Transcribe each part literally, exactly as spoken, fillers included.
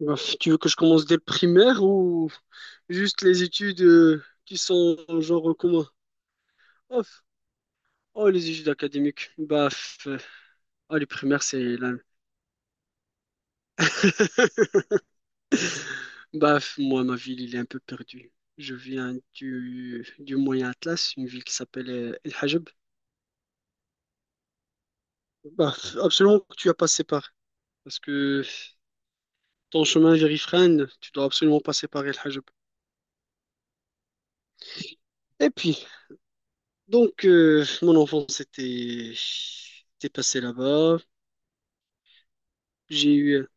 Bah, Tu veux que je commence dès le primaire ou juste les études euh, qui sont genre euh, commun? Oh, f- oh, les études académiques. Bah, f- euh, oh, les primaires, c'est là. Bah, f- moi, ma ville, il est un peu perdu. Je viens du, du Moyen Atlas, une ville qui s'appelle euh, El Hajeb. Bah, f- absolument que tu as passé par. Parce que ton chemin vers Ifrane, tu dois absolument passer par El Hajeb. Et puis, donc, euh, mon enfance était, était passée là-bas. J'ai eu.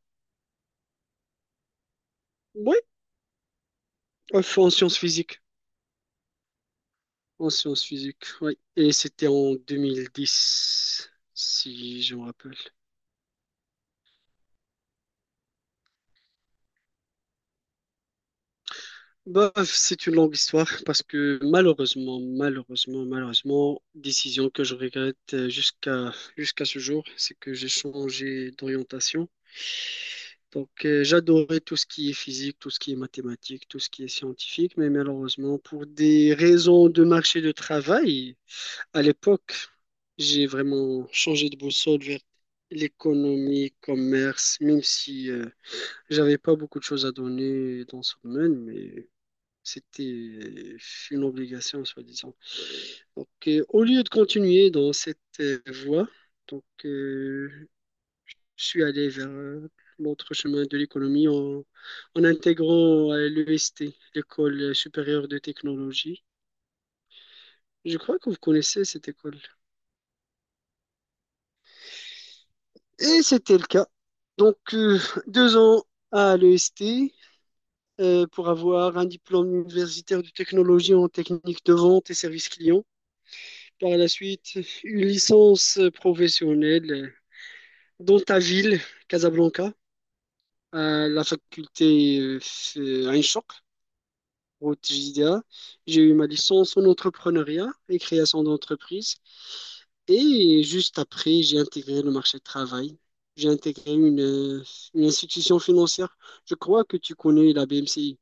Oui, en en sciences physiques. En sciences physiques, oui. Et c'était en deux mille dix, si je me rappelle. Bah, c'est une longue histoire parce que malheureusement, malheureusement, malheureusement, décision que je regrette euh, jusqu'à jusqu'à ce jour, c'est que j'ai changé d'orientation. Donc, euh, j'adorais tout ce qui est physique, tout ce qui est mathématique, tout ce qui est scientifique, mais malheureusement, pour des raisons de marché de travail, à l'époque, j'ai vraiment changé de boussole vers l'économie, commerce, même si euh, j'avais pas beaucoup de choses à donner dans ce domaine, mais c'était euh, une obligation, soi-disant. Donc, euh, au lieu de continuer dans cette euh, voie, donc, euh, je suis allé vers euh, l'autre chemin de l'économie en, en intégrant l'E S T, l'École supérieure de technologie. Je crois que vous connaissez cette école. Et c'était le cas. Donc, euh, deux ans à l'E S T euh, pour avoir un diplôme universitaire de technologie en technique de vente et service client. Par la suite, une licence professionnelle dans ta ville, Casablanca, à la faculté euh, Ain Choc, route J D A. J'ai eu ma licence en entrepreneuriat et création d'entreprise. Et juste après, j'ai intégré le marché du travail. J'ai intégré une, euh, une institution financière. Je crois que tu connais la B M C I.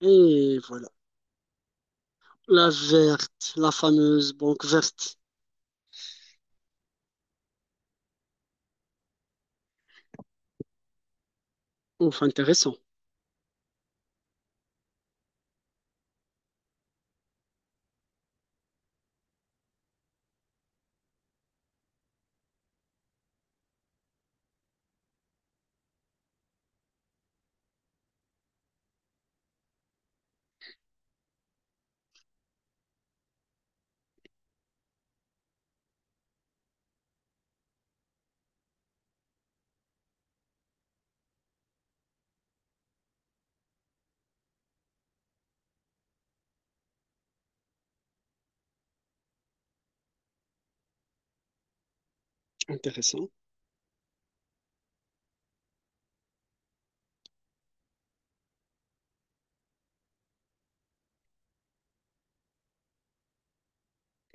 Et voilà. La verte, la fameuse banque verte. Ouf, intéressant. Intéressant.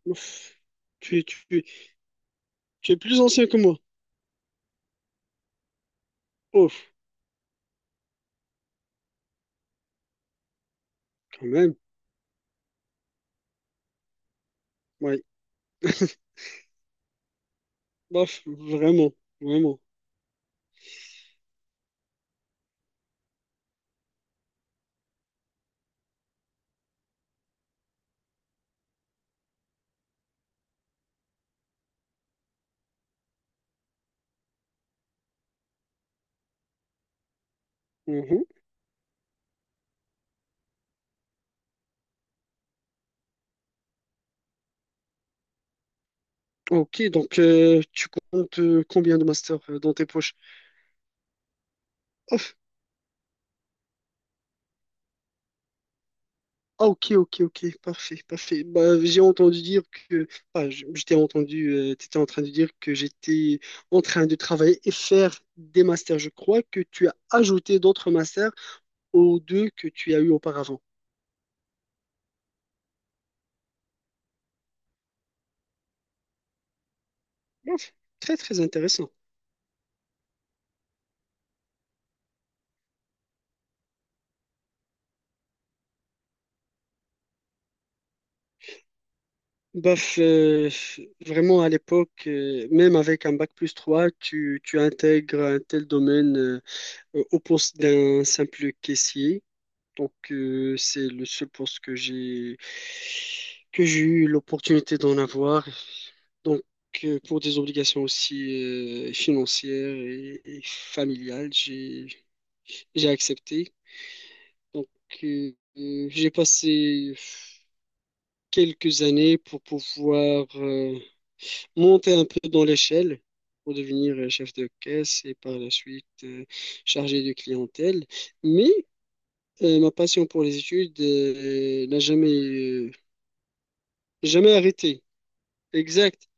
Ouf. Tu, tu, tu es plus ancien que moi. Ouf, quand même. Ouais. Bof, vraiment. Vraiment. Mhm. Ok, donc euh, tu comptes euh, combien de masters euh, dans tes poches? Ouf. Ah, ok, ok, ok, parfait, parfait. Bah, j'ai entendu dire que... Ah, j- je t'ai entendu, euh, t'étais en train de dire que j'étais en train de travailler et faire des masters. Je crois que tu as ajouté d'autres masters aux deux que tu as eu auparavant. Ouf, très, très intéressant. Baf, euh, vraiment à l'époque, euh, même avec un bac plus trois, tu, tu intègres un tel domaine euh, au poste d'un simple caissier. Donc, euh, c'est le seul poste que j'ai que j'ai eu l'opportunité d'en avoir. Donc, euh, pour des obligations aussi euh, financières et, et familiales, j'ai j'ai accepté. Donc, euh, euh, j'ai passé quelques années pour pouvoir euh, monter un peu dans l'échelle, pour devenir euh, chef de caisse et par la suite euh, chargé de clientèle. Mais euh, ma passion pour les études euh, n'a jamais euh, Jamais arrêté. Exact.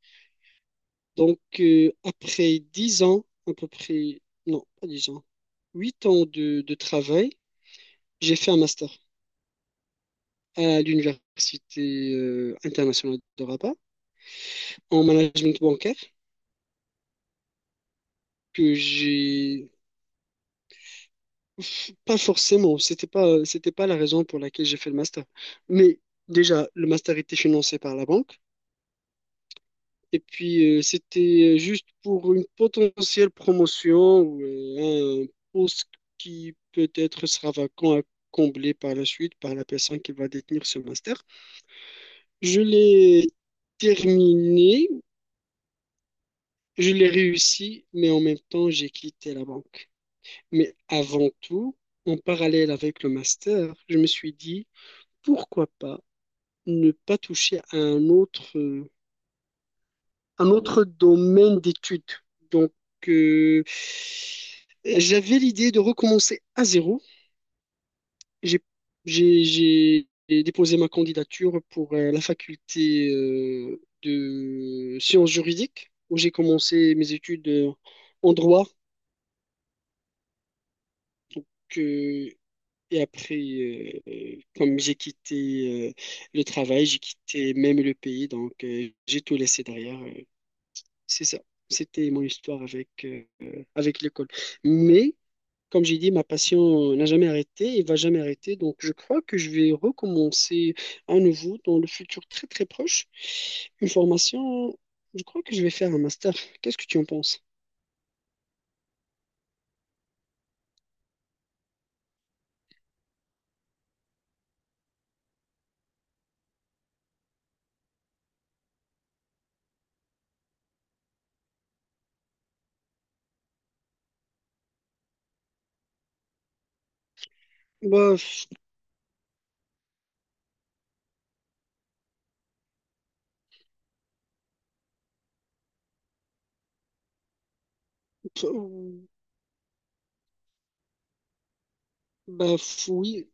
Donc, euh, après dix ans, à peu près, non, pas dix ans, huit ans de, de travail, j'ai fait un master à l'Université euh, internationale de Rabat en management bancaire que j'ai pas forcément, c'était pas, c'était pas la raison pour laquelle j'ai fait le master. Mais déjà, le master était financé par la banque. Et puis, euh, c'était juste pour une potentielle promotion ou euh, un poste qui peut-être sera vacant à combler par la suite par la personne qui va détenir ce master. Je l'ai terminé, je l'ai réussi, mais en même temps, j'ai quitté la banque. Mais avant tout, en parallèle avec le master, je me suis dit, pourquoi pas ne pas toucher à un autre euh, un autre domaine d'études. Donc, euh, j'avais l'idée de recommencer à zéro. J'ai, j'ai, j'ai déposé ma candidature pour euh, la faculté euh, de sciences juridiques, où j'ai commencé mes études euh, en droit. Donc, euh, et après, euh, euh, comme j'ai quitté euh, le travail, j'ai quitté même le pays, donc euh, j'ai tout laissé derrière. euh, C'est ça. C'était mon histoire avec, euh, avec l'école. Mais, comme j'ai dit, ma passion n'a jamais arrêté et va jamais arrêter. Donc, je crois que je vais recommencer à nouveau dans le futur très très proche. Une formation, je crois que je vais faire un master. Qu'est-ce que tu en penses? Bah, f- p- bah f- oui,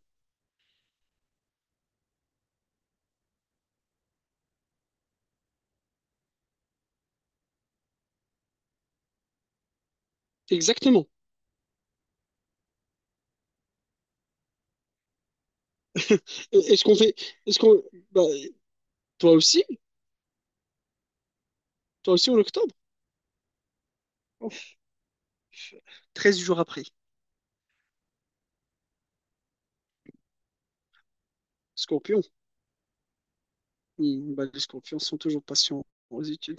exactement. Est-ce qu'on fait, est-ce qu'on, bah, toi aussi, toi aussi en octobre? Ouf, treize jours après. Scorpion. Hmm, bah, les scorpions sont toujours patients aux études.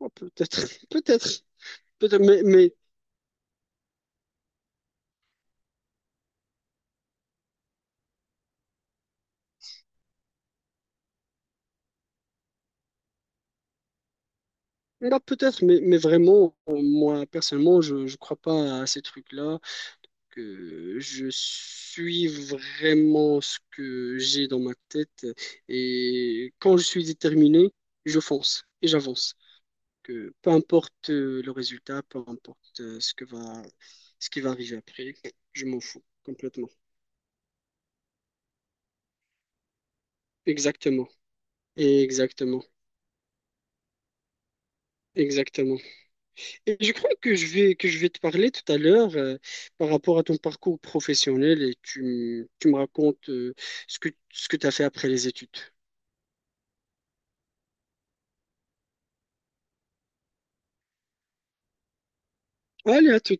Oh, peut-être, peut-être, peut-être, mais, mais là, peut-être, mais, mais vraiment, euh, moi, personnellement, je ne crois pas à ces trucs-là, que je suis vraiment ce que j'ai dans ma tête, et quand je suis déterminé, je fonce et j'avance. Que peu importe euh, le résultat, peu importe euh, ce que va, ce qui va arriver après, je m'en fous complètement. Exactement, exactement, exactement. Et je crois que je vais, que je vais, te parler tout à l'heure euh, par rapport à ton parcours professionnel et tu, me- tu me racontes euh, ce que, ce que tu as fait après les études. Allez, à tout.